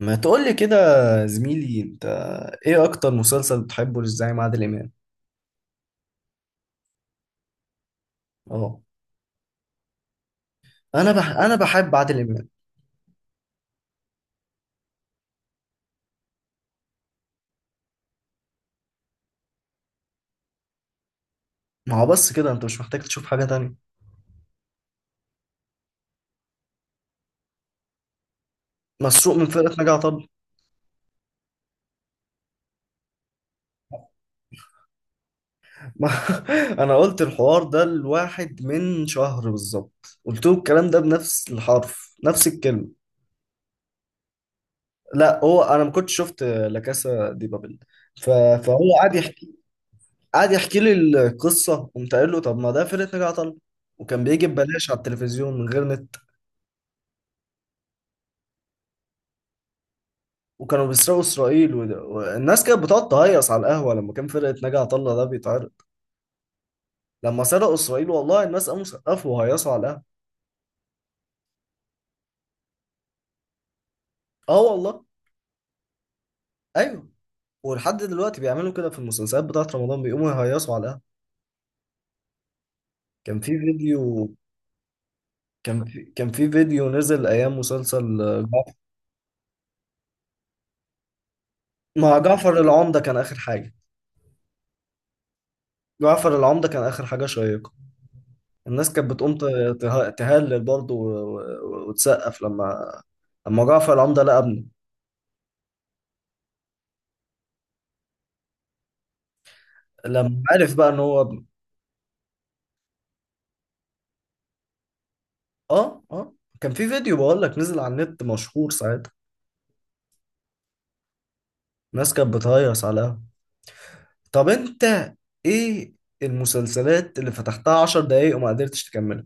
ما تقولي كده يا زميلي انت، ايه اكتر مسلسل بتحبه للزعيم عادل امام؟ اه. انا بحب عادل امام. ما هو بس كده انت مش محتاج تشوف حاجة تانية. مسروق من فرقة ناجي عطا الله. ما... انا قلت الحوار ده لواحد من شهر بالظبط، قلت له الكلام ده بنفس الحرف نفس الكلمة. لا هو انا ما كنتش شفت لا كاسا دي بابل. ف... فهو قعد يحكي، قعد يحكي لي القصة، قمت قايل له طب ما ده فرقة ناجي عطا الله، وكان بيجي ببلاش على التلفزيون من غير نت، وكانوا بيسرقوا اسرائيل والناس كانت بتقعد تهيص على القهوه لما كان فرقه ناجي عطا الله ده بيتعرض. لما سرقوا اسرائيل والله الناس قاموا سقفوا وهيصوا على القهوه. اه والله. ايوه، ولحد دلوقتي بيعملوا كده في المسلسلات بتاعت رمضان، بيقوموا يهيصوا على القهوه. كان في فيديو. كان في فيديو نزل ايام مسلسل جعفر، مع جعفر العمده كان اخر حاجه. جعفر العمده كان اخر حاجه شيقه. الناس كانت بتقوم ت- ته- تهلل برضه وتسقف لما، لما جعفر العمده لقى ابنه، لما عرف بقى ان هو. اه اه. كان في فيديو بقول لك نزل على النت مشهور ساعتها، الناس كانت بتهيص على القهوة. طب انت، ايه المسلسلات اللي فتحتها 10 دقايق وما قدرتش تكملها؟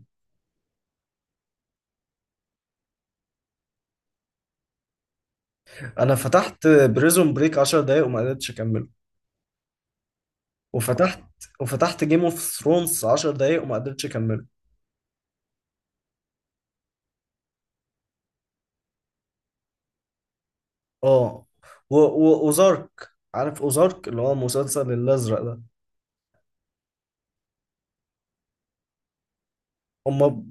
انا فتحت بريزون بريك 10 دقايق وما قدرتش اكمله. وفتحت وفتحت جيم اوف ثرونز 10 دقايق وما قدرتش اكمله. اه. و- و- وزارك، عارف اوزارك اللي هو مسلسل الازرق ده؟ هما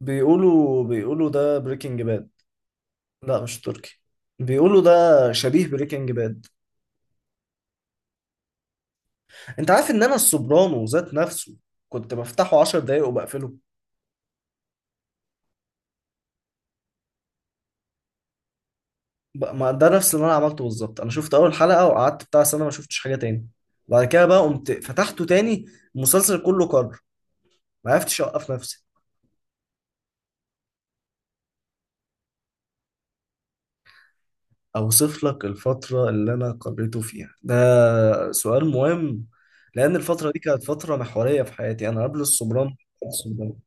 بيقولوا، ده بريكنج باد. لا مش تركي. بيقولوا ده شبيه بريكنج باد. انت عارف ان انا السوبرانو ذات نفسه كنت بفتحه 10 دقايق وبقفله. ما ده نفس اللي انا عملته بالظبط. انا شفت اول حلقة وقعدت بتاع سنة ما شفتش حاجة تاني. بعد كده بقى قمت فتحته تاني، المسلسل كله كرر، ما عرفتش اوقف نفسي. اوصف لك الفترة اللي انا قريته فيها؟ ده سؤال مهم، لان الفترة دي كانت فترة محورية في حياتي. انا قبل السوبرانو، قبل السوبرانو.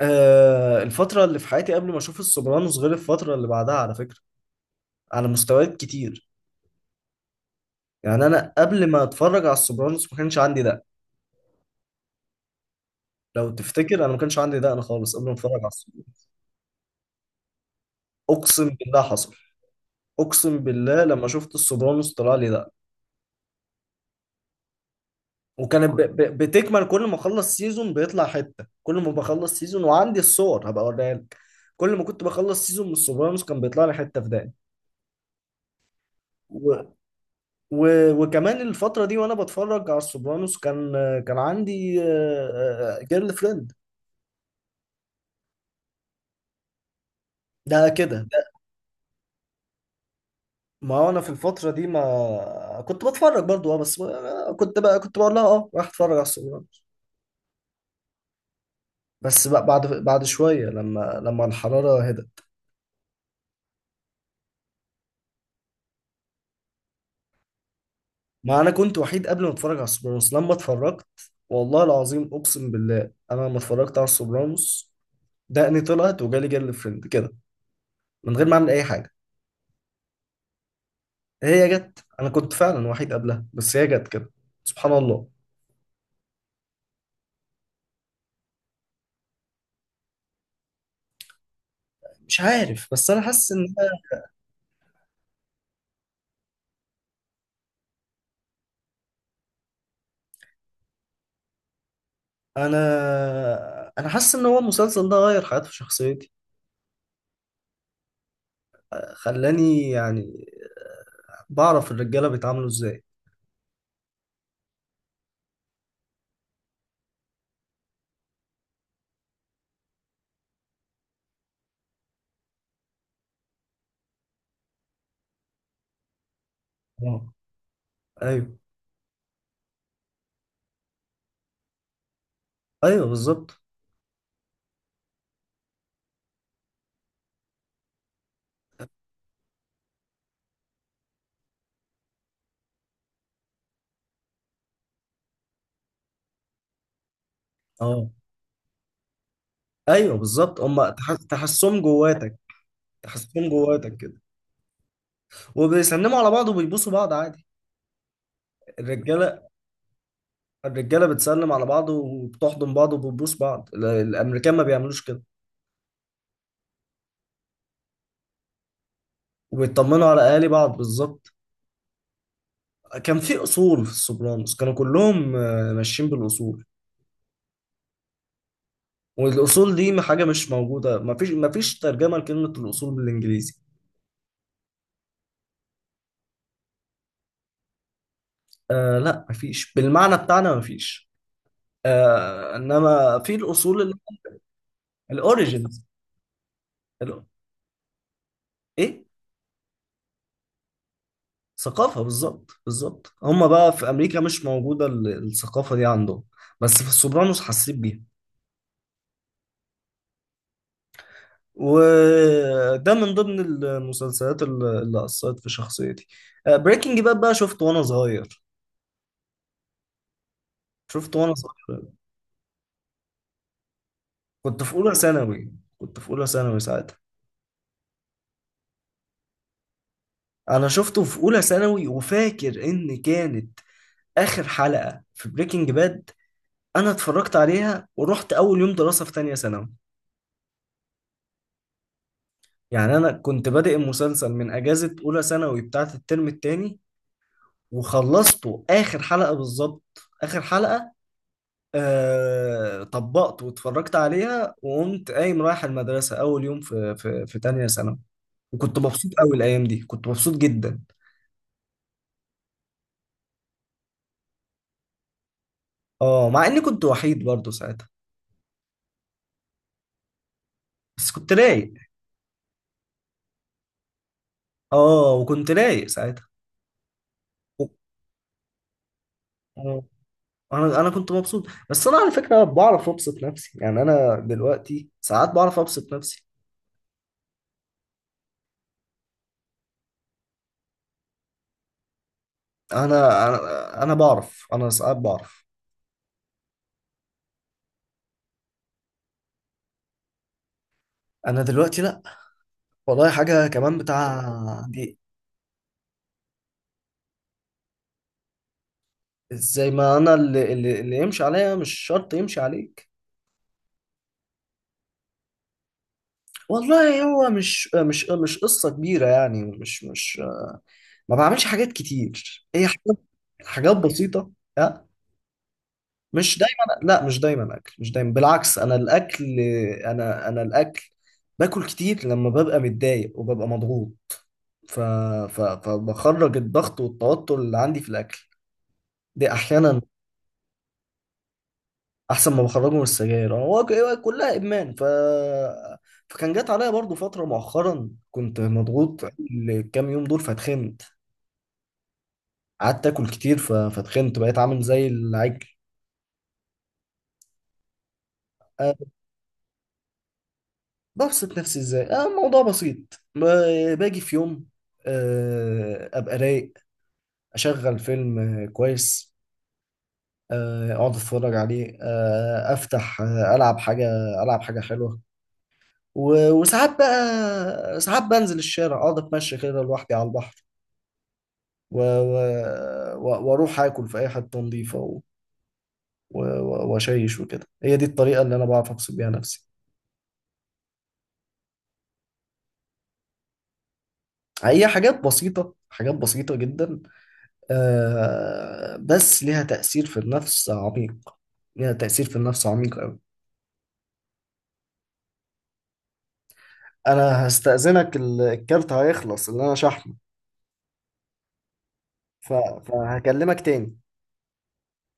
آه، الفترة اللي في حياتي قبل ما اشوف السوبرانوس غير الفترة اللي بعدها، على فكرة، على مستويات كتير. يعني انا قبل ما اتفرج على السوبرانوس ما كانش عندي ده. لو تفتكر انا ما كانش عندي ده انا خالص قبل ما اتفرج على السوبرانوس. اقسم بالله حصل، اقسم بالله لما شفت السوبرانوس طلع لي ده. وكانت بتكمل كل ما اخلص سيزون بيطلع حته، كل ما بخلص سيزون، وعندي الصور هبقى اوريها لك. كل ما كنت بخلص سيزون من السوبرانوس كان بيطلع لي حته في دقن. و... و... وكمان الفتره دي وانا بتفرج على السوبرانوس كان، كان عندي جيرل فريند ده كده. ما هو انا في الفتره دي ما كنت بتفرج برضو، اه، بس ما... آه، كنت بقى كنت بقول لها اه راح اتفرج على السوبرانوس، بس بقى بعد شويه لما الحراره هدت. ما انا كنت وحيد قبل ما اتفرج على السوبرانوس، لما اتفرجت والله العظيم اقسم بالله، انا لما اتفرجت على السوبرانوس دقني طلعت وجالي جل فريند كده من غير ما اعمل اي حاجه. هي جت، انا كنت فعلا وحيد قبلها بس هي جت كده، سبحان الله. مش عارف، بس انا انا حاسس ان هو المسلسل ده غير حياتي في شخصيتي، خلاني يعني بعرف الرجاله بيتعاملوا ازاي. اه. ايوه. ايوه بالظبط. اه، ايوه بالظبط. هم تحسهم جواتك، تحسهم جواتك كده. وبيسلموا على بعض وبيبوسوا بعض عادي، الرجاله. الرجاله بتسلم على بعض وبتحضن بعض وبتبوس بعض. الامريكان ما بيعملوش كده. وبيطمنوا على اهالي بعض بالظبط. كان في اصول في السوبرانوس، كانوا كلهم ماشيين بالاصول، والاصول دي حاجه مش موجوده. ما فيش ترجمه لكلمه الاصول بالانجليزي. آه لا مفيش بالمعنى بتاعنا مفيش. آه انما في الاصول، الاوريجينز. ايه؟ ثقافه بالظبط، بالظبط. هم بقى في امريكا مش موجوده الثقافه دي عندهم، بس في السوبرانوس حسيت بيها. وده من ضمن المسلسلات اللي اثرت في شخصيتي. بريكنج باد بقى شفته وانا صغير، شفته وانا صغير. كنت في اولى ثانوي، كنت في اولى ثانوي ساعتها. انا شفته في اولى ثانوي، وفاكر ان كانت اخر حلقة في بريكنج باد انا اتفرجت عليها ورحت اول يوم دراسة في تانية ثانوي. يعني انا كنت بادئ المسلسل من اجازة اولى ثانوي بتاعت الترم التاني، وخلصته اخر حلقة بالظبط. اخر حلقة آه طبقت واتفرجت عليها وقمت قايم رايح المدرسة اول يوم في في تانية ثانوي. وكنت مبسوط قوي الايام دي، كنت مبسوط جدا. اه مع اني كنت وحيد برضو ساعتها، بس كنت رايق. اه وكنت رايق ساعتها. انا كنت مبسوط، بس انا على فكره بعرف ابسط نفسي. يعني انا دلوقتي ساعات بعرف ابسط نفسي. انا بعرف، انا ساعات بعرف. انا دلوقتي لا. والله حاجه كمان بتاع دي. زي ما انا، اللي يمشي عليا مش شرط يمشي عليك. والله هو مش مش قصه كبيره، يعني مش مش، ما بعملش حاجات كتير، هي حاجات، حاجات بسيطه. مش دايما، لا مش دايما اكل، مش دايما، بالعكس انا الاكل. انا الاكل، باكل كتير لما ببقى متضايق وببقى مضغوط، ف... فبخرج الضغط والتوتر اللي عندي في الاكل دي احيانا. احسن ما بخرجه من السجاير، انا هو هو كلها ادمان. فكان جات عليا برضو فتره مؤخرا كنت مضغوط، الكام يوم دول فاتخنت، قعدت اكل كتير، فاتخنت بقيت عامل زي العجل. آه، ببسط نفسي ازاي؟ آه، الموضوع بسيط. باجي في يوم آه ابقى رايق، اشغل فيلم كويس، اقعد اتفرج عليه، افتح العب حاجه، العب حاجه حلوه. وساعات بقى، ساعات بنزل الشارع اقعد اتمشى كده لوحدي على البحر، واروح اكل في اي حته نظيفه واشيش وكده. هي دي الطريقه اللي انا بعرف ابسط بيها نفسي. هي حاجات بسيطه، حاجات بسيطه جدا، آه بس ليها تأثير في النفس عميق. ليها تأثير في النفس عميق أوي. أنا هستأذنك، الكارت هيخلص اللي أنا شحنه، فهكلمك تاني.